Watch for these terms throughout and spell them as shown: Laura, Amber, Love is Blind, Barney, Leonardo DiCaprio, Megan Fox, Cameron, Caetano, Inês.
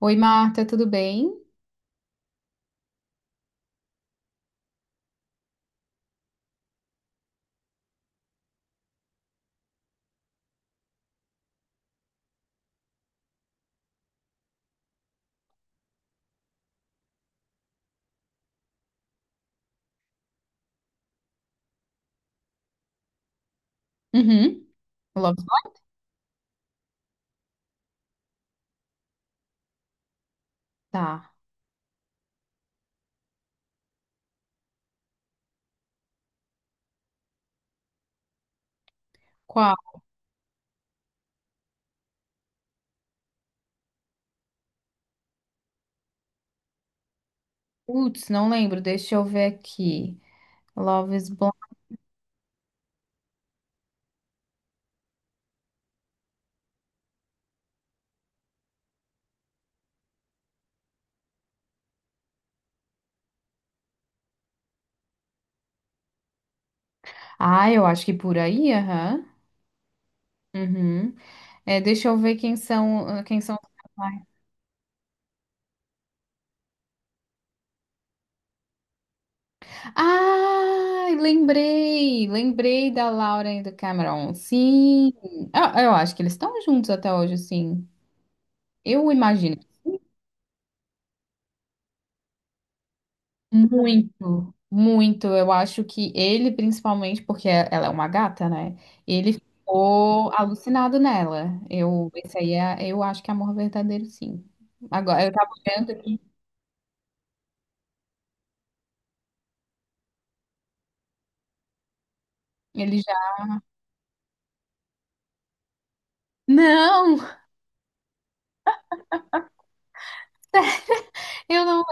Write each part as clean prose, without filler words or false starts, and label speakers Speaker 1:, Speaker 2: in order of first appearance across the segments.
Speaker 1: Oi, Marta, tudo bem? Uhum. Love is Blind? Tá. Qual? Putz, não lembro. Deixa eu ver aqui. Love is Blind. Ah, eu acho que por aí, aham. Uhum. É, deixa eu ver quem são, quem são os personagens. Ah, lembrei! Lembrei da Laura e do Cameron. Sim. Ah, eu acho que eles estão juntos até hoje, sim. Eu imagino. Muito, muito. Eu acho que ele, principalmente, ela é uma gata, né? Ele ficou alucinado nela. Eu acho que é amor verdadeiro, sim. Agora, eu tava olhando aqui, ele já. Não! Eu não.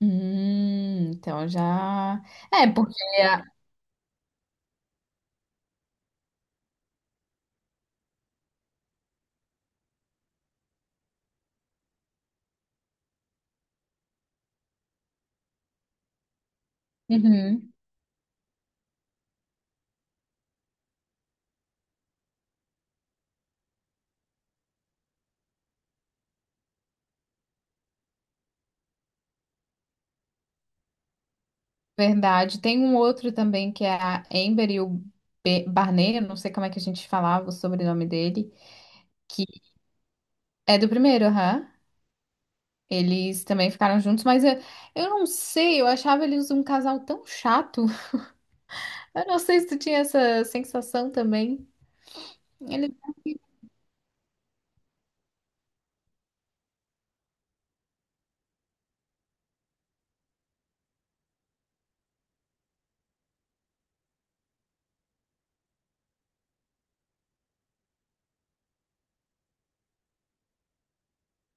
Speaker 1: Então já. É, porque a. Uhum, verdade. Tem um outro também que é a Amber e o Barney, eu não sei como é que a gente falava o sobrenome dele, que é do primeiro, aham. Eles também ficaram juntos, mas eu não sei, eu achava eles um casal tão chato. Eu não sei se tu tinha essa sensação também. Eles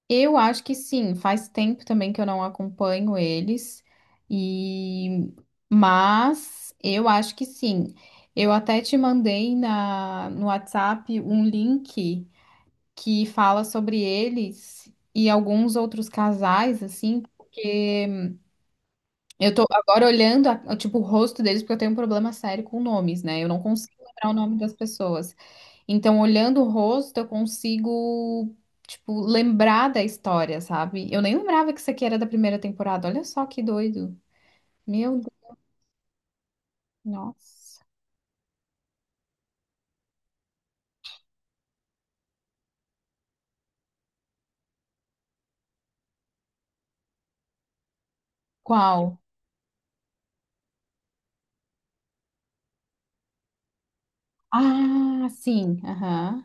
Speaker 1: eu acho que sim, faz tempo também que eu não acompanho eles, e mas eu acho que sim. Eu até te mandei no WhatsApp um link que fala sobre eles e alguns outros casais, assim, porque eu tô agora olhando, tipo, o rosto deles, porque eu tenho um problema sério com nomes, né? Eu não consigo lembrar o nome das pessoas. Então, olhando o rosto, eu consigo, tipo, lembrar da história, sabe? Eu nem lembrava que isso aqui era da primeira temporada. Olha só que doido. Meu Deus, nossa. Qual? Ah, sim, aham.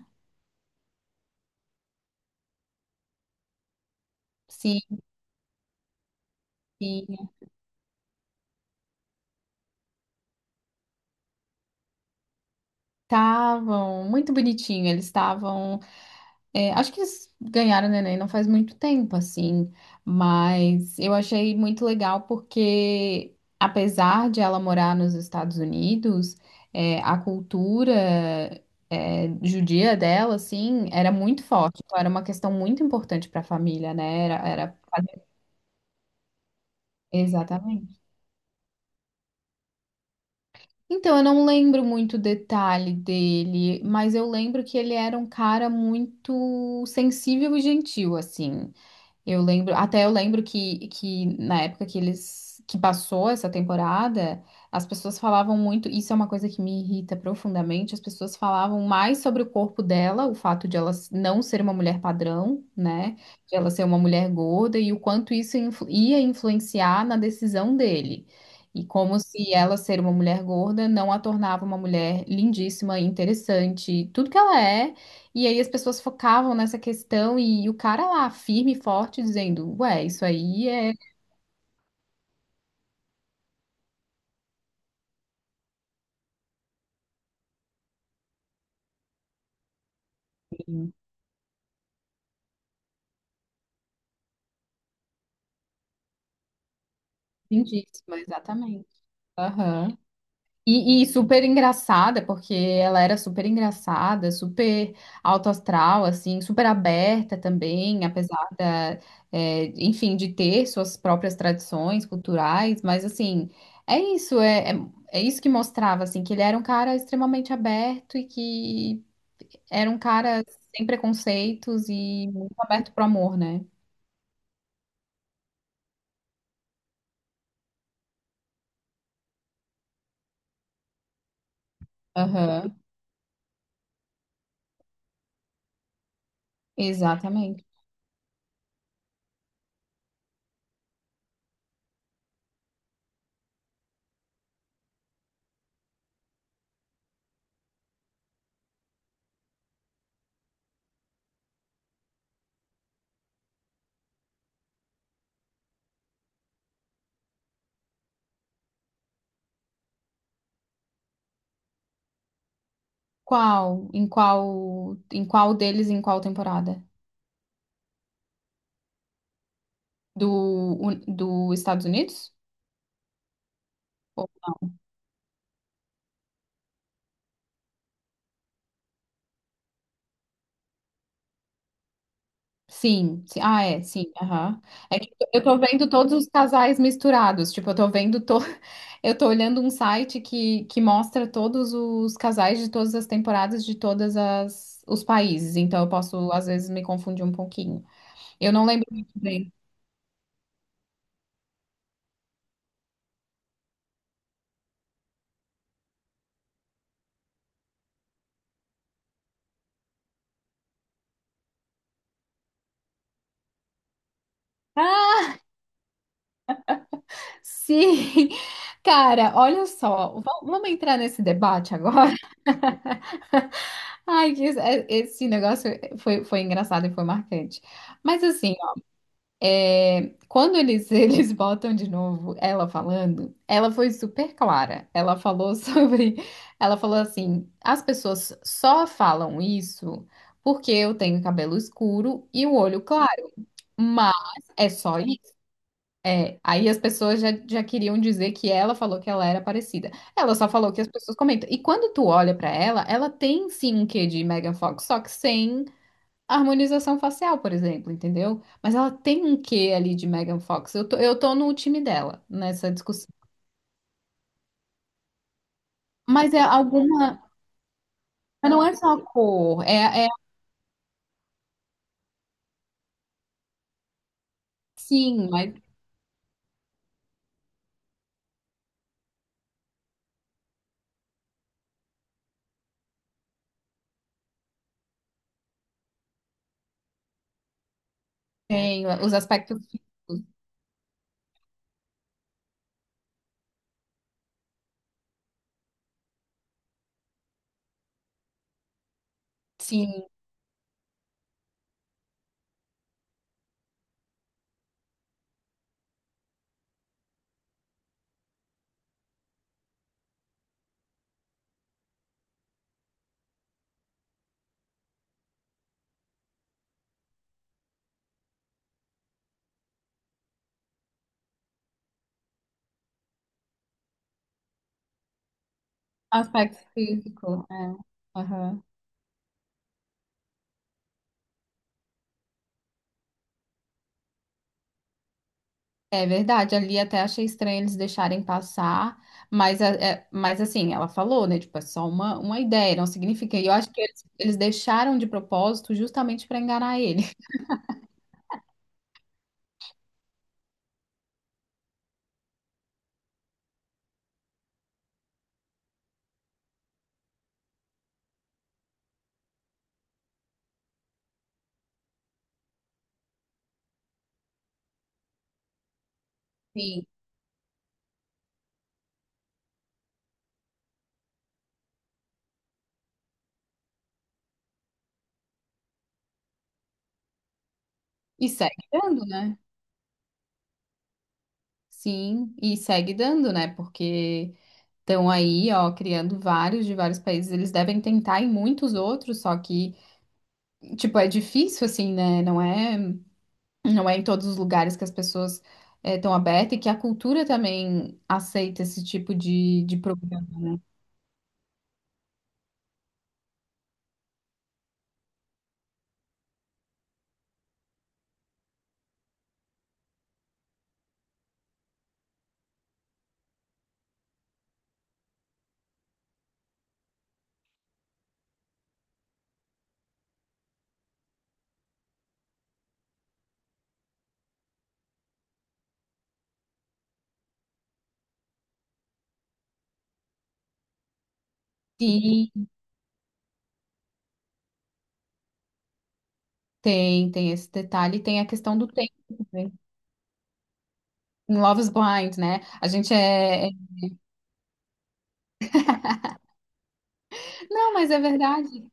Speaker 1: Sim, sim. Estavam muito bonitinho, eles estavam. É, acho que eles ganharam o Neném não faz muito tempo, assim, mas eu achei muito legal porque, apesar de ela morar nos Estados Unidos, a cultura, judia dela, assim, era muito forte. Então, era uma questão muito importante para a família, né? Era, era... Exatamente. Então, eu não lembro muito o detalhe dele, mas eu lembro que ele era um cara muito sensível e gentil, assim. Eu lembro, até eu lembro que na época que eles que passou essa temporada, as pessoas falavam muito, isso é uma coisa que me irrita profundamente, as pessoas falavam mais sobre o corpo dela, o fato de ela não ser uma mulher padrão, né? De ela ser uma mulher gorda e o quanto isso ia influenciar na decisão dele. E como se ela ser uma mulher gorda não a tornava uma mulher lindíssima, interessante, tudo que ela é e aí as pessoas focavam nessa questão e o cara lá, firme e forte, dizendo, ué, isso aí é lindíssima, exatamente. Aham. E super engraçada, porque ela era super engraçada, super alto astral, assim, super aberta também, apesar da, enfim, de ter suas próprias tradições culturais, mas assim, é isso, é, é, é isso que mostrava, assim, que ele era um cara extremamente aberto e que era um cara sem preconceitos e muito aberto pro amor, né? Aham, exatamente. Qual? Em qual? Em qual deles? Em qual temporada? Do, do Estados Unidos? Ou- sim, sim. Ah, é, sim. Aham. É que eu tô vendo todos os casais misturados. Tipo, eu tô vendo. To... Eu tô olhando um site que mostra todos os casais de todas as temporadas de todas as os países. Então eu posso, às vezes, me confundir um pouquinho. Eu não lembro muito bem. Ah, sim, cara, olha só, vamos entrar nesse debate agora? Ai, que isso- é- esse negócio foi engraçado e foi marcante. Mas assim, ó, quando eles, eles botam de novo ela falando, ela foi super clara. Ela falou sobre, ela falou assim, as pessoas só falam isso porque eu tenho cabelo escuro e o olho claro, mas é só é, aí as pessoas já queriam dizer que ela falou que ela era parecida. Ela só falou que as pessoas comentam. E quando tu olha pra ela, ela tem sim um quê de Megan Fox, só que sem harmonização facial, por exemplo, entendeu? Mas ela tem um quê ali de Megan Fox. Eu tô no time dela nessa discussão. Mas é alguma. Mas não é só a cor, é sim, mas tem os aspectos físicos. Sim, aspecto físico. É. Aham. É verdade, ali até achei estranho eles deixarem passar, mas, mas assim, ela falou, né? Tipo, é só uma ideia, não significa. E eu acho que eles deixaram de propósito justamente para enganar ele. Sim. E segue dando, né? Sim, e segue dando, né? Porque estão aí, ó, criando vários de vários países. Eles devem tentar em muitos outros, só que, tipo, é difícil, assim, né? Não é. Não é em todos os lugares que as pessoas estão abertas e que a cultura também aceita esse tipo de programa. Sim, tem, tem esse detalhe. E tem a questão do tempo também. Em Love is Blind, né? A gente é... é- não, mas é verdade.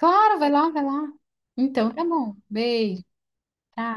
Speaker 1: Claro, vai lá, vai lá. Então, tá bom. Beijo. Tchau.